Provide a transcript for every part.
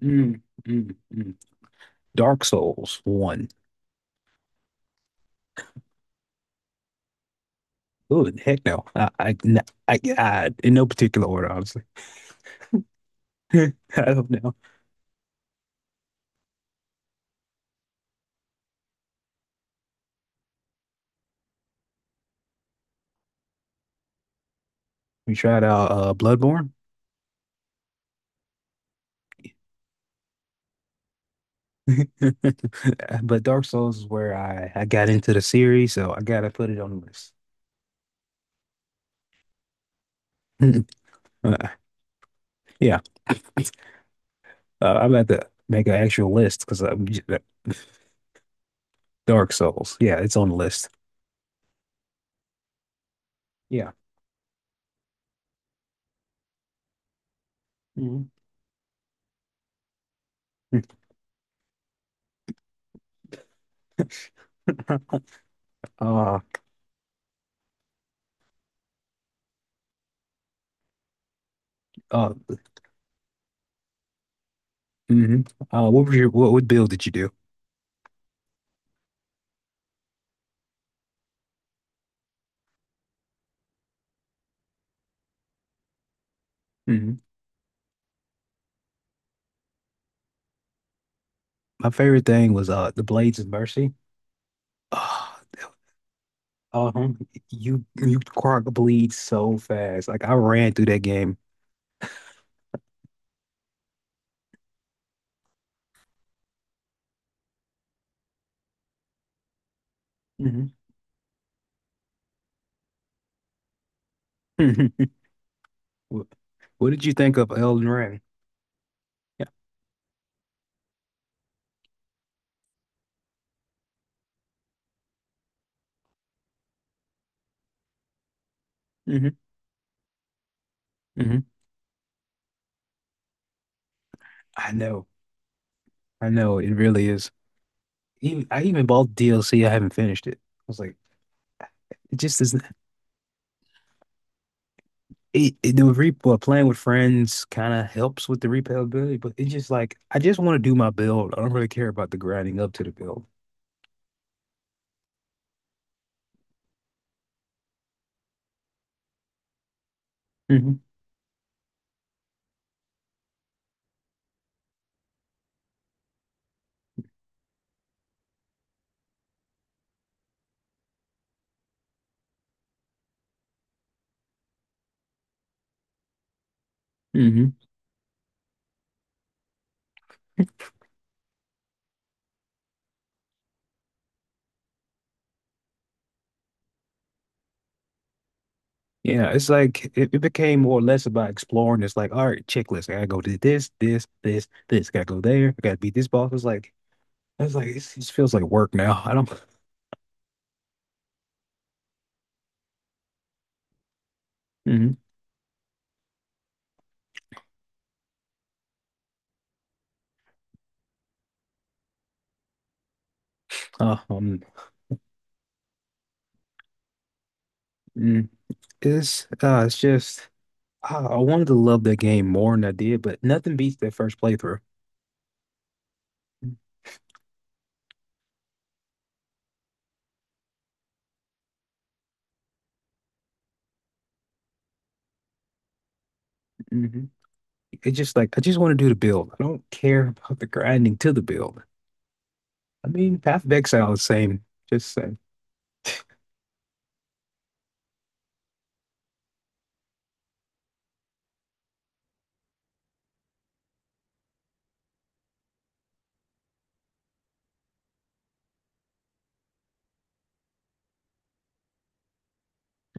Mm, mm, mm. Dark Souls one. Oh, heck no. I, n- I- in no particular order, honestly. I don't know. We tried out Bloodborne. But Dark Souls is where I got into the series, so I gotta put it on the list. Uh, yeah. Uh, I'm about to make an actual list because Dark Souls. Yeah, it's on the list. Yeah. Mhm. Uh, uh, mhm. What what build did you do? Mm-hmm. My favorite thing was the Blades of Mercy. Oh, um, you Quark bleed so fast. Like I ran through that game. Hmm. Hmm. What, what did you think of Elden Ring? Yeah. Hmm. Hmm. I know. I know. It really is. Even I even bought DLC. I haven't finished it. I was like, it just isn't. It the re well, playing with friends kind of helps with the replayability, but it's just like I just want to do my build. I don't really care about the grinding up to the build. Hmm. Hmm. Yeah, it's like it became more or less about exploring. It's like, all right, checklist. I gotta go to this. Gotta go there. I gotta beat this boss. It just feels like work now. I don't. Mm, uh, um, mm, it's just I wanted to love that game more than I did, but nothing beats that first playthrough. Hmm. It's just like I just want to do the build. I don't care about the grinding to the build. I mean, Path of Exile is the same. Just same.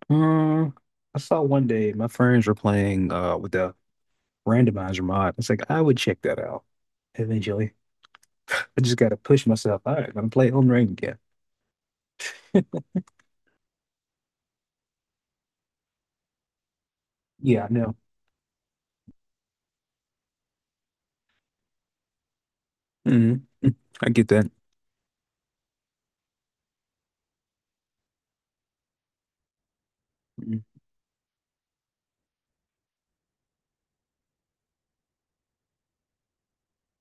Um, I saw one day my friends were playing with the randomizer mod. It's like I would check that out eventually. I just got to push myself. All right, I'm gonna play Elden Ring again. Yeah, I know. Mhm. Mm. I get that. Mhm.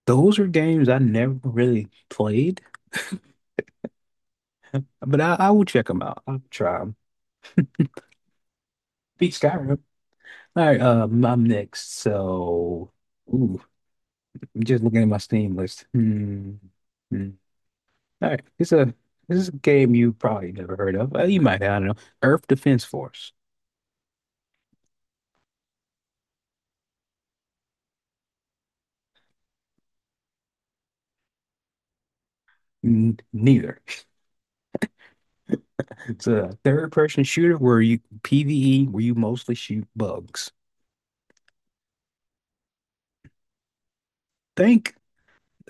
Those are games I never really played, but I will check them out. I'll try them. Beat Skyrim. All right, I'm next. So, ooh, I'm just looking at my Steam list. Hmm. Hmm. All right, it's a this is a game you probably never heard of. You might, I don't know. Earth Defense Force. N Neither. It's a third person shooter where you PvE, where you mostly shoot bugs. Think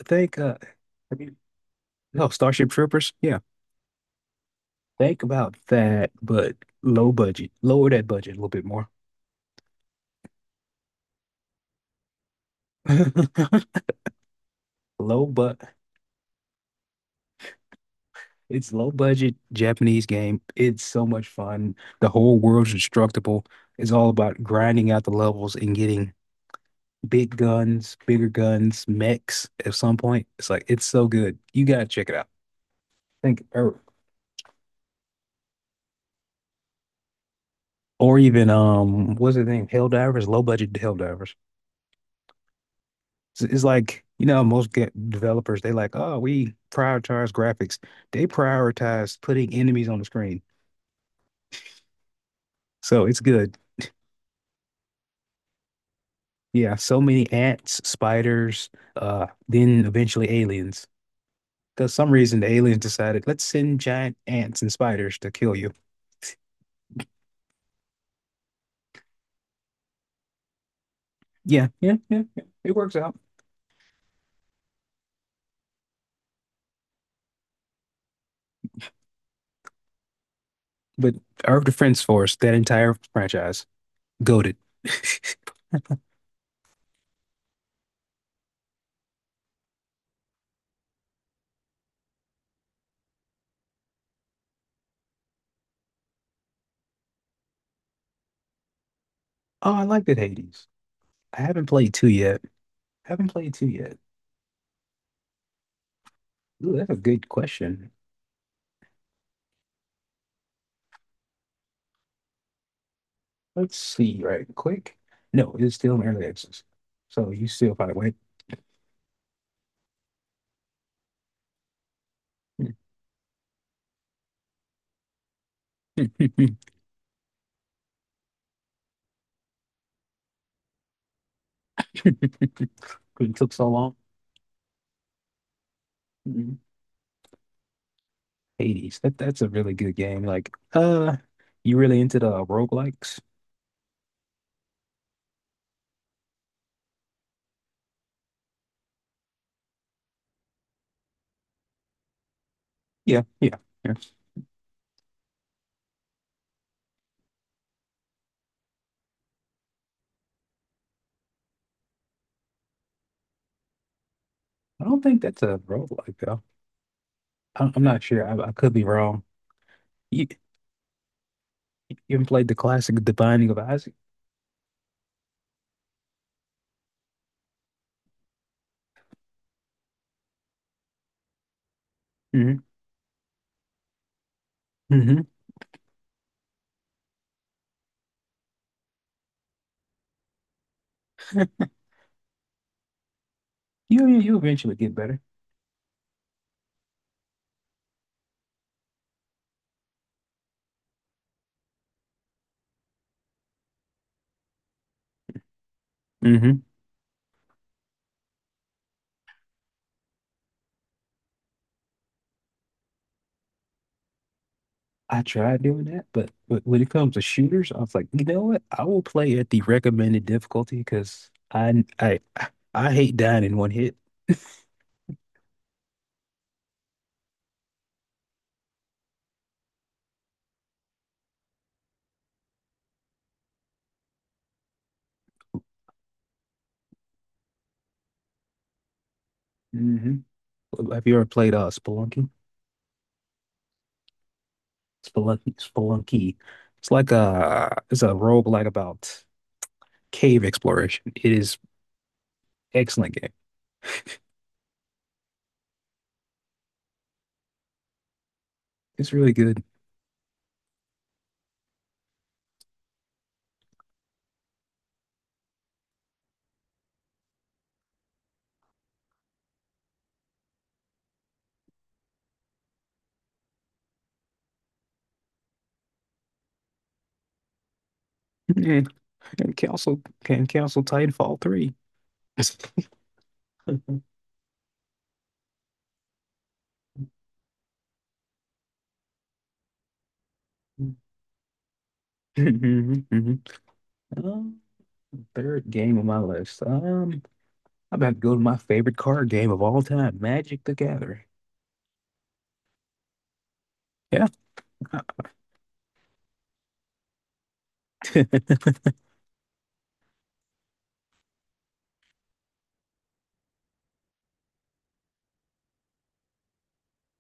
think I mean, no, Starship Troopers. Yeah. Think about that, but low budget. Lower that budget a little bit more. Low but It's low budget Japanese game. It's so much fun. The whole world's instructable. It's all about grinding out the levels and getting big guns, bigger guns, mechs at some point. It's like it's so good. You gotta check it out. Think or even what's the name, hell divers low budget hell divers it's like you know most developers they like, oh we prioritize graphics, they prioritize putting enemies on the screen, so it's good. Yeah so many ants, spiders, then eventually aliens, because some reason the aliens decided let's send giant ants and spiders to kill you. Yeah. It works out. But Earth Defense Force, that entire franchise goaded. Oh, I liked it, Hades. I haven't played two yet. Haven't played two yet. Ooh, that's a good question. Let's see right quick. No, it's still in early access. So you still probably wait. 'Cause it took so long. Mhm. Hades. That that's a really good game. Like, you really into the roguelikes? Yeah, yeah, yeah. I don't think that's a roguelike though. I'm not sure. I could be wrong. You, you have played the classic, The Binding of Isaac? Hmm. Hmm. You eventually get better. Hmm. I tried doing that, but when it comes to shooters, I was like, you know what? I will play at the recommended difficulty because I I hate dying in one hit. Hmm. Have you ever played Spelunky? Spelunky. It's like a it's a roguelike about cave exploration. It is excellent game. It's really good. And, and Council can Council Titanfall 3. Hmm. Third game on my list. I'm about to go to my favorite card game of all time, Magic the Gathering. Yeah.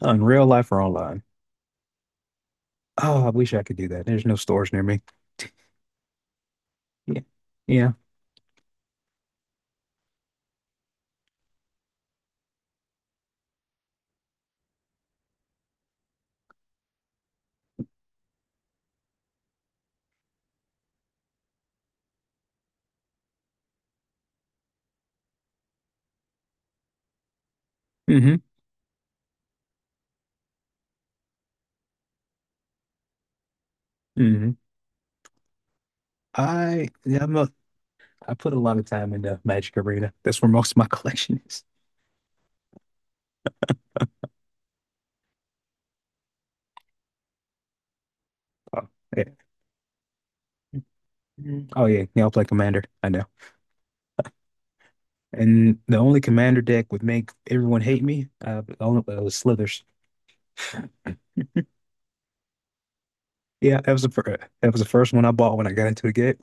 On real life or online. Oh, I wish I could do that. There's no stores near me. Yeah. Yeah. Mm-hmm. Mm-hmm. I Yeah, I put a lot of time into Magic Arena. That's where most of my collection is. Oh, yeah. Mhm. Oh yeah, yeah, I play Commander. I know. And the only Commander deck would make everyone hate me. Was Slithers. Yeah, that was the first one I bought when I got into the game.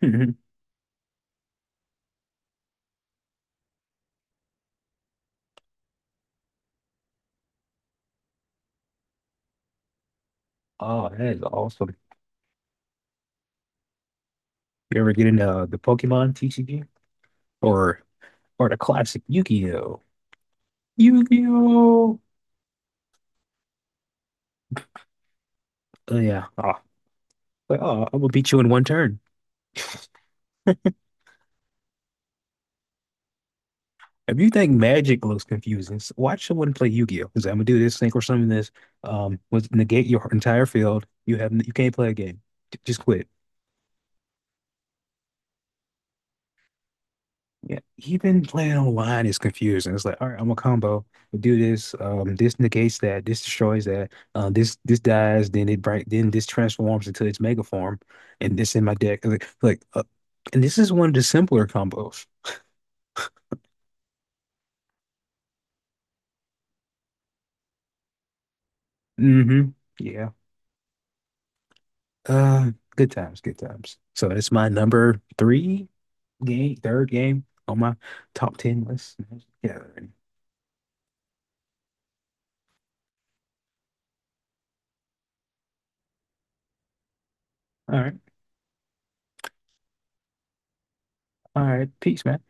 Oh, that is awesome. You ever get into the Pokemon TCG, or or the classic Yu-Gi-Oh? Yu-Gi-Oh! Oh yeah. Oh, like, oh, I'm gonna beat you in one turn. If you think Magic looks confusing, watch someone play Yu-Gi-Oh! Because I'm gonna do this thing or something. This, was negate your entire field. You have you can't play a game. Just quit. Yeah, even playing online is confusing. It's like, all right, I'm a combo. Do this. This negates that. This destroys that. This this dies. Then it break. Then this transforms into its mega form, and this in my deck. Like, and this is one of the simpler combos. Mm-hmm. Yeah. Uh, good times, good times. So that's my number three game, third game on my top ten list. Yeah. All right. All right. Peace, man.